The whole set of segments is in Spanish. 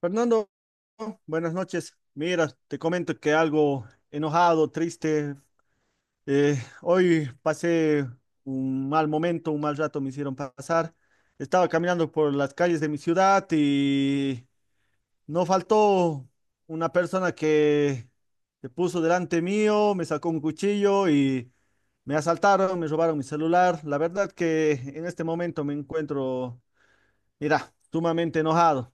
Fernando, buenas noches. Mira, te comento que algo enojado, triste. eh, Hoy pasé un mal momento, un mal rato me hicieron pasar. Estaba caminando por las calles de mi ciudad y no faltó una persona que se puso delante mío, me sacó un cuchillo y me asaltaron, me robaron mi celular. La verdad que en este momento me encuentro, mira, sumamente enojado.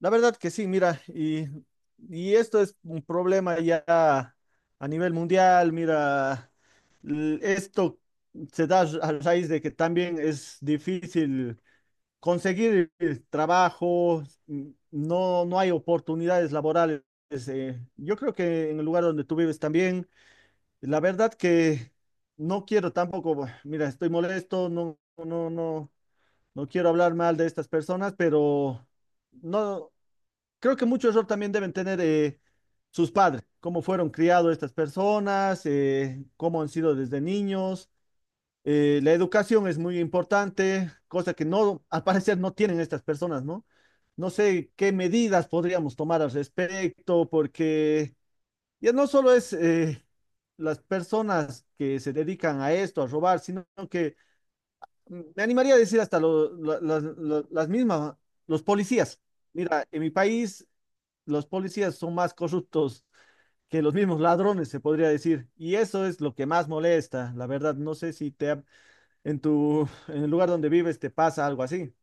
La verdad que sí, mira, y esto es un problema ya a nivel mundial, mira, esto se da a raíz de que también es difícil conseguir el trabajo, no, no hay oportunidades laborales. Yo creo que en el lugar donde tú vives también, la verdad que no quiero tampoco, mira, estoy molesto, no, no, no, no quiero hablar mal de estas personas, pero no. Creo que mucho error también deben tener sus padres, cómo fueron criados estas personas, cómo han sido desde niños. La educación es muy importante, cosa que no, al parecer no tienen estas personas, ¿no? No sé qué medidas podríamos tomar al respecto, porque ya no solo es las personas que se dedican a esto, a robar, sino que me animaría a decir hasta las mismas, ¿no? Los policías. Mira, en mi país los policías son más corruptos que los mismos ladrones, se podría decir. Y eso es lo que más molesta, la verdad. No sé si te ha- En tu en el lugar donde vives te pasa algo así.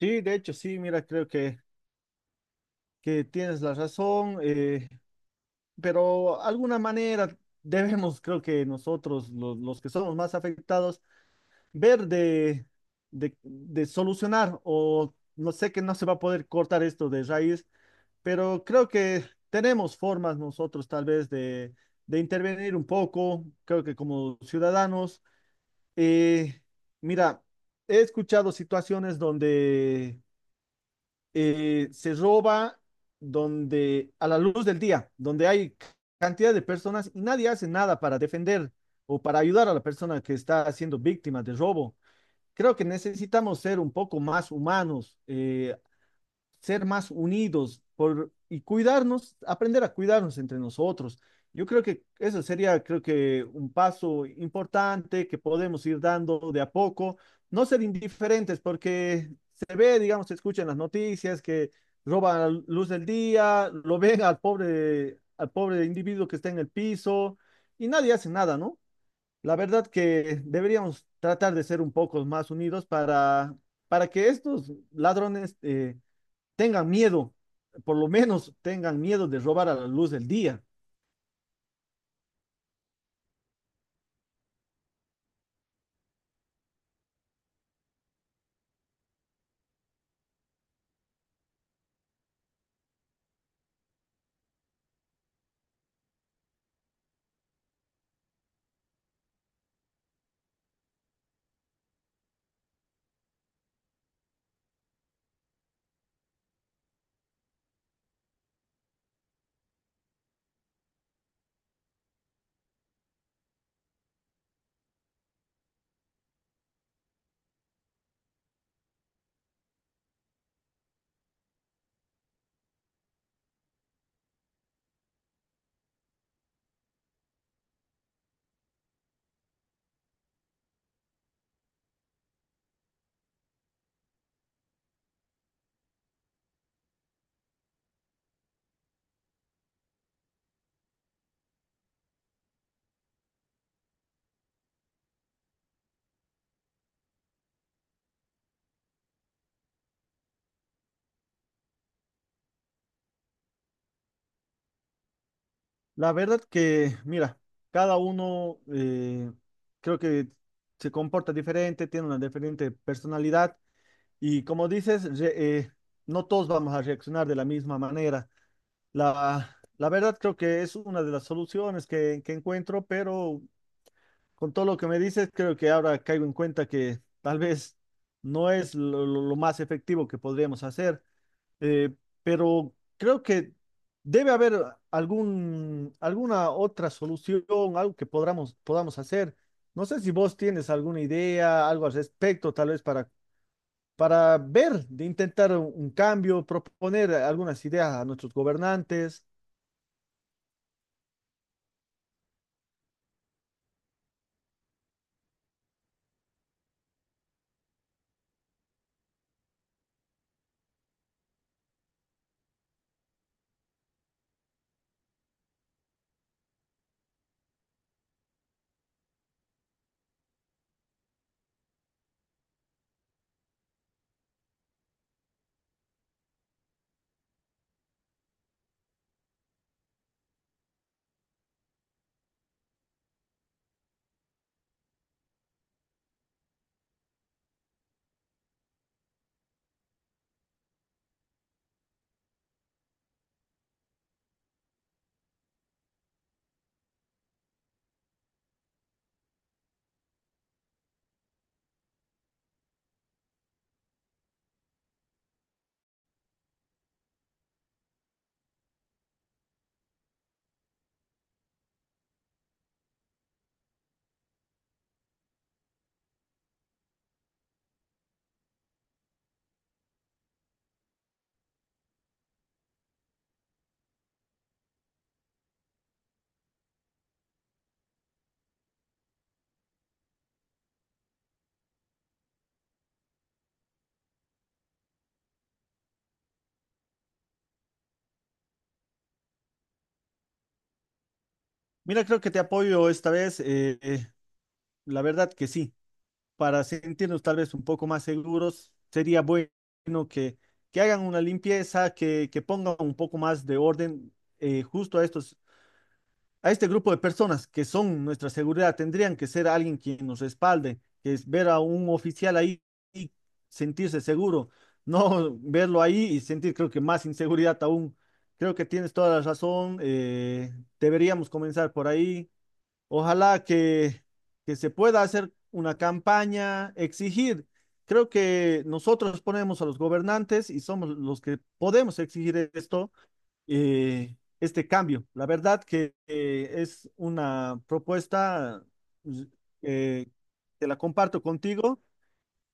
Sí, de hecho, sí, mira, que tienes la razón, pero alguna manera debemos, creo que nosotros, los que somos más afectados, ver de solucionar o no sé que no se va a poder cortar esto de raíz, pero creo que tenemos formas nosotros tal vez de intervenir un poco, creo que como ciudadanos. eh, Mira, he escuchado situaciones donde se roba, donde a la luz del día, donde hay cantidad de personas y nadie hace nada para defender o para ayudar a la persona que está siendo víctima de robo. Creo que necesitamos ser un poco más humanos, ser más unidos por, y cuidarnos, aprender a cuidarnos entre nosotros. Yo creo que eso sería, creo que un paso importante que podemos ir dando de a poco, no ser indiferentes porque se ve, digamos, se escucha en las noticias que roban la luz del día, lo ven al pobre individuo que está en el piso y nadie hace nada, ¿no? La verdad que deberíamos tratar de ser un poco más unidos para que estos ladrones tengan miedo, por lo menos tengan miedo de robar a la luz del día. La verdad que, mira, cada uno creo que se comporta diferente, tiene una diferente personalidad y como dices, no todos vamos a reaccionar de la misma manera. La verdad creo que es una de las soluciones que encuentro, pero con todo lo que me dices, creo que ahora caigo en cuenta que tal vez no es lo más efectivo que podríamos hacer, eh, pero creo que debe haber alguna otra solución, algo que podamos hacer. No sé si vos tienes alguna idea, algo al respecto, tal vez para ver, de intentar un cambio, proponer algunas ideas a nuestros gobernantes. Mira, creo que te apoyo esta vez, la verdad que sí. Para sentirnos tal vez un poco más seguros, sería bueno que, que hagan una limpieza, que pongan un poco más de orden justo a estos, a este grupo de personas que son nuestra seguridad. Tendrían que ser alguien quien nos respalde, que es ver a un oficial ahí y sentirse seguro, no verlo ahí y sentir creo que más inseguridad aún. Creo que tienes toda la razón. Deberíamos comenzar por ahí. Ojalá que se pueda hacer una campaña, exigir. Creo que nosotros ponemos a los gobernantes y somos los que podemos exigir esto, este cambio. La verdad que es una propuesta pues, eh, que la comparto contigo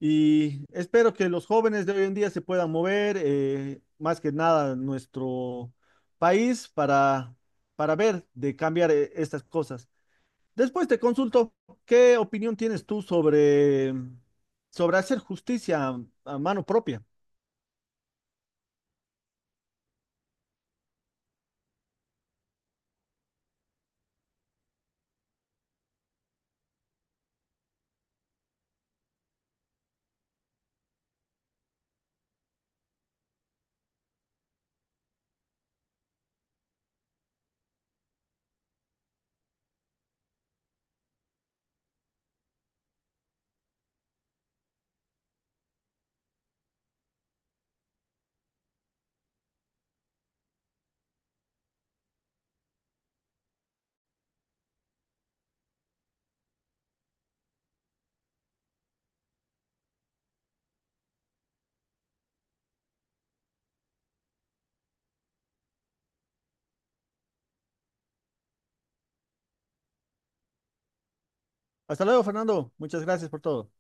y espero que los jóvenes de hoy en día se puedan mover, más que nada nuestro país, para ver de cambiar estas cosas. Después te consulto, ¿qué opinión tienes tú sobre, sobre hacer justicia a mano propia? Hasta luego, Fernando. Muchas gracias por todo.